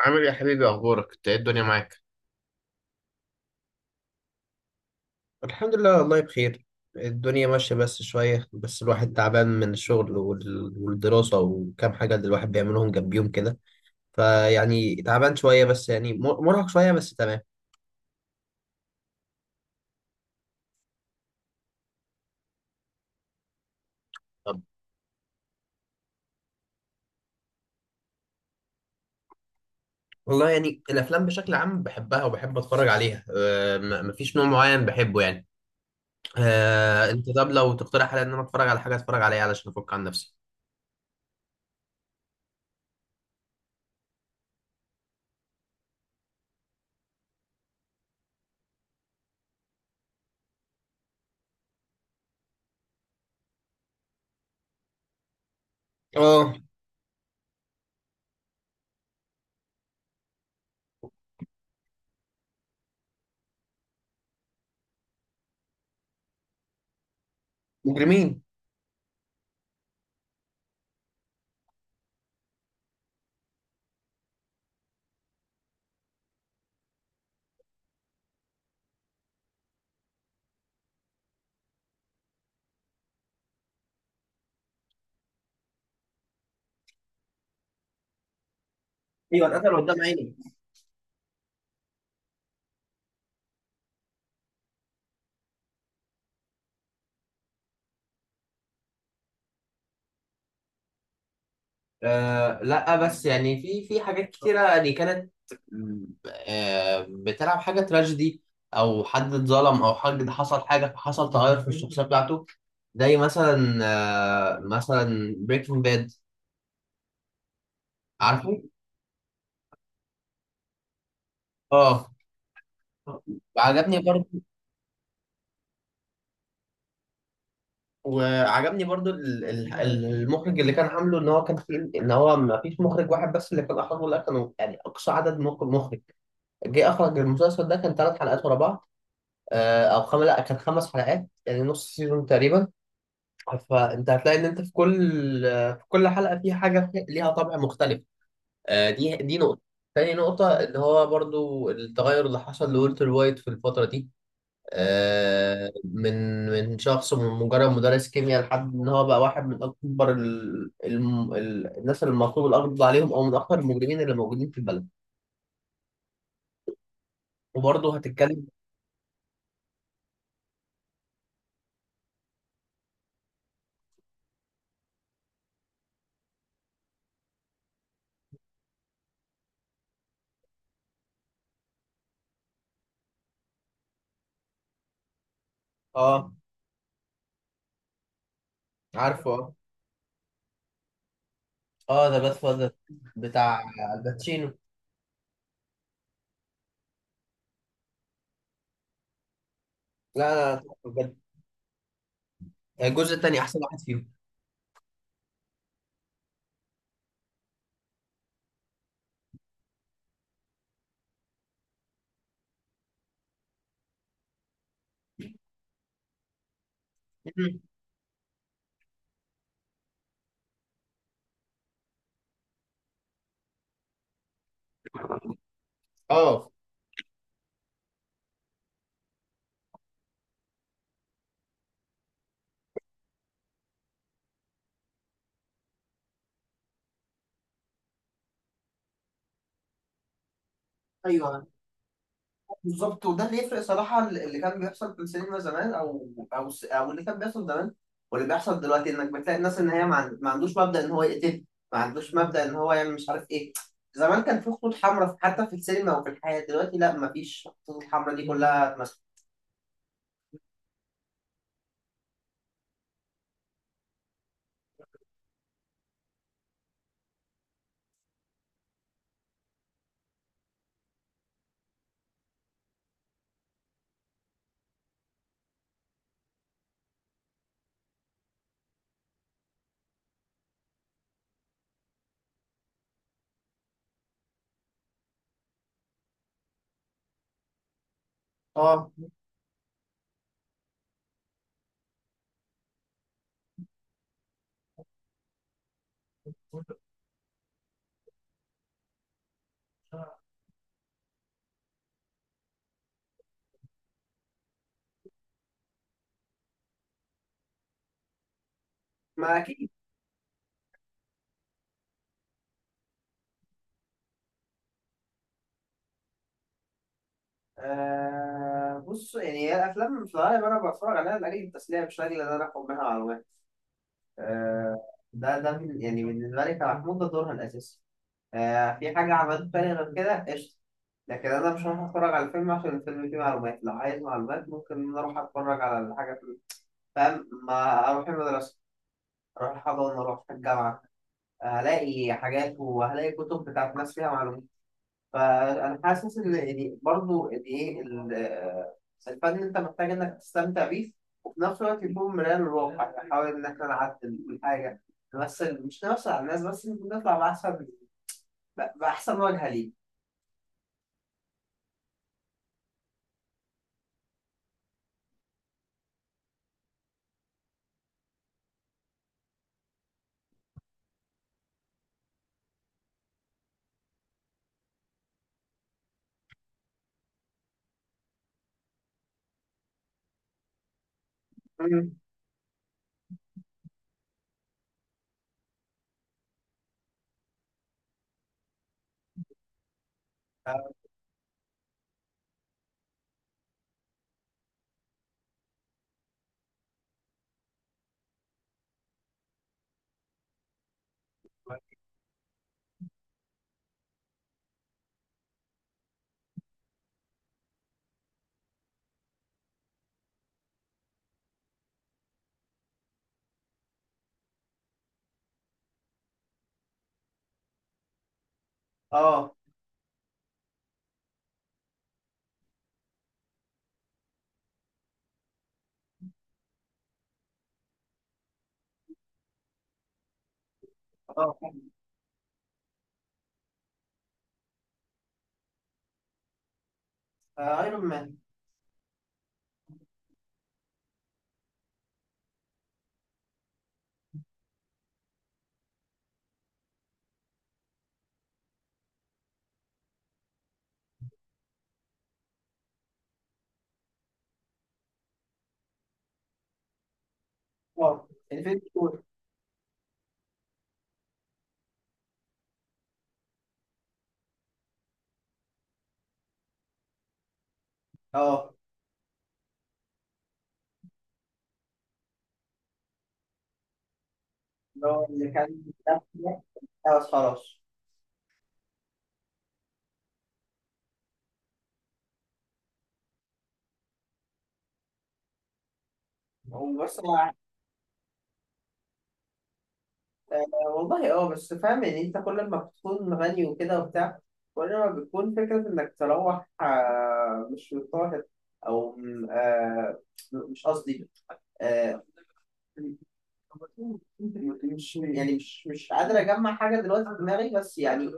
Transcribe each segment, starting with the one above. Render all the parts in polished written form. عامل إيه يا حبيبي؟ اخبارك، انت ايه الدنيا معاك؟ الحمد لله والله بخير. الدنيا ماشية بس شوية، بس الواحد تعبان من الشغل والدراسة وكام حاجة اللي الواحد بيعملهم جنبيهم كده. فيعني تعبان شوية، بس يعني مرهق شوية، بس تمام. طب والله يعني الأفلام بشكل عام بحبها وبحب أتفرج عليها. مفيش نوع معين بحبه يعني. أه أنت طب لو تقترح عليا إن أنا أتفرج على حاجة، أتفرج عليها علشان أفك عن نفسي. اه، مجرمين. ايوه، اتقتل قدام عيني. آه لا، بس يعني في حاجات كتيرة يعني كانت آه بتلعب حاجة تراجيدي، أو حد اتظلم أو حد حصل حاجة فحصل تغير في الشخصية بتاعته. زي مثلا آه مثلا بريكنج باد، عارفه؟ اه، عجبني برضو. وعجبني برضو المخرج اللي كان عامله، ان هو كان في، ان هو ما فيش مخرج واحد بس اللي كان اخرجه، لا كانوا يعني اقصى عدد مخرج جه اخرج المسلسل ده كان ثلاث حلقات ورا بعض، او خمس، لا كان خمس حلقات يعني نص سيزون تقريبا. فانت هتلاقي ان انت في كل في كل حلقه في حاجه ليها طابع مختلف. آه، دي نقطه. تاني نقطه اللي هو برضو التغير اللي حصل لولتر وايت في الفتره دي، آه، من شخص، من مجرد مدرس كيمياء لحد ان هو بقى واحد من اكبر الناس اللي المطلوب القبض عليهم، او من اكبر المجرمين اللي موجودين في البلد. وبرضه هتتكلم. اه، عارفه اه. اه، ذا جاد فاذر، بتاع الباتشينو. لا، تحفة بجد. الجزء الثاني احسن واحد فيهم. مم. اه. ايوه بالظبط، وده اللي يفرق صراحه. اللي كان بيحصل في السينما زمان او اللي كان بيحصل زمان واللي بيحصل دلوقتي، انك بتلاقي الناس ان هي ما عندوش مبدا ان هو يقتل، ما عندوش مبدا ان هو يعمل مش عارف ايه. زمان كان في خطوط حمراء حتى في السينما وفي الحياه، دلوقتي لا، ما فيش، الخطوط الحمراء دي كلها اتمسكت. اه، ما اكيد. آه بص، يعني هي الافلام في الغالب انا بتفرج عليها لاجل التسليه، مش لاجل ان انا اخد منها معلومات. آه، يعني بالنسبة لي كمحمود ده دورها الأساسي. آه، في حاجة عملت تاني غير كده قشطة، لكن أنا مش هروح أتفرج على الفيلم عشان الفيلم فيه معلومات. لو عايز معلومات ممكن إن أنا أروح أتفرج على الحاجة في، فاهم؟ ما أروح المدرسة، أروح الحضانة، أروح الجامعة، هلاقي حاجات وهلاقي كتب بتاعت ناس فيها معلومات. فانا حاسس ان يعني برضه يعني ايه الفن، انت محتاج انك تستمتع بيه وفي نفس الوقت يكون مرآة للواقع، يعني حاول ان احنا نعدل من حاجه، نمثل، مش نمثل على الناس بس، نطلع باحسن، باحسن وجهه ليه. مم. اه. اه. آه، ايرون مان. اه الفيلم. اه اللي هو اللي كان، لا، خلاص. وبس آه، والله اه، بس فاهم يعني، انت كل ما بتكون غني وكده وبتاع، كل ما بتكون فكرة انك تروح آه، مش مضطهد، آه، مش قصدي، آه، مش يعني مش قادر اجمع حاجة دلوقتي في دماغي، بس يعني.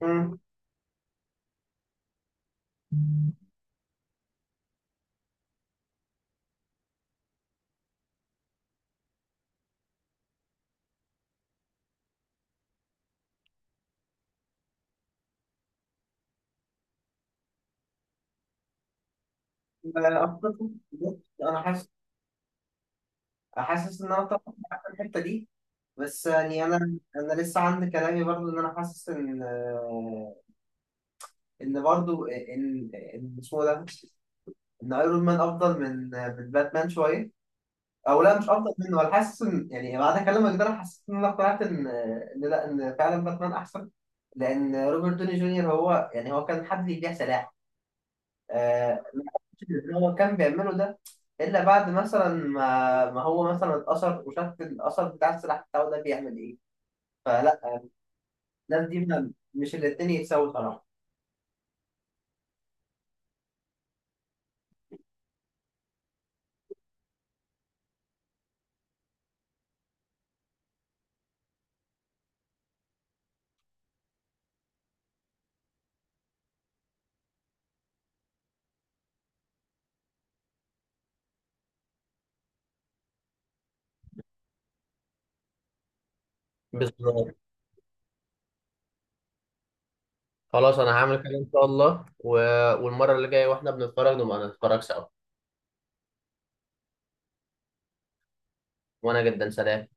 مم. آه، انا حاسس، حاسس ان انا طبعا في الحتة دي، بس يعني انا لسه عندي كلامي برضو، ان انا حاسس ان آه، ان برضو ان اسمه ده، ان ايرون مان افضل من باتمان شويه، او لا مش افضل منه. انا حاسس ان يعني بعد كلامك ده انا حسيت ان انا اقتنعت ان لا، ان فعلا باتمان احسن. لان روبرت دوني جونيور، هو يعني هو كان حد بيبيع سلاح. آه ما أعتقدش إن هو كان بيعمله ده الا بعد مثلا ما هو مثلا اتأثر وشاف الاثر بتاع السلاح بتاعه ده بيعمل ايه. فلا، الناس دي مش الاتنين يتساووا صراحه. بس خلاص انا هعمل الله و... والمية، واحنا بنسأل. وانا جدا، سلام.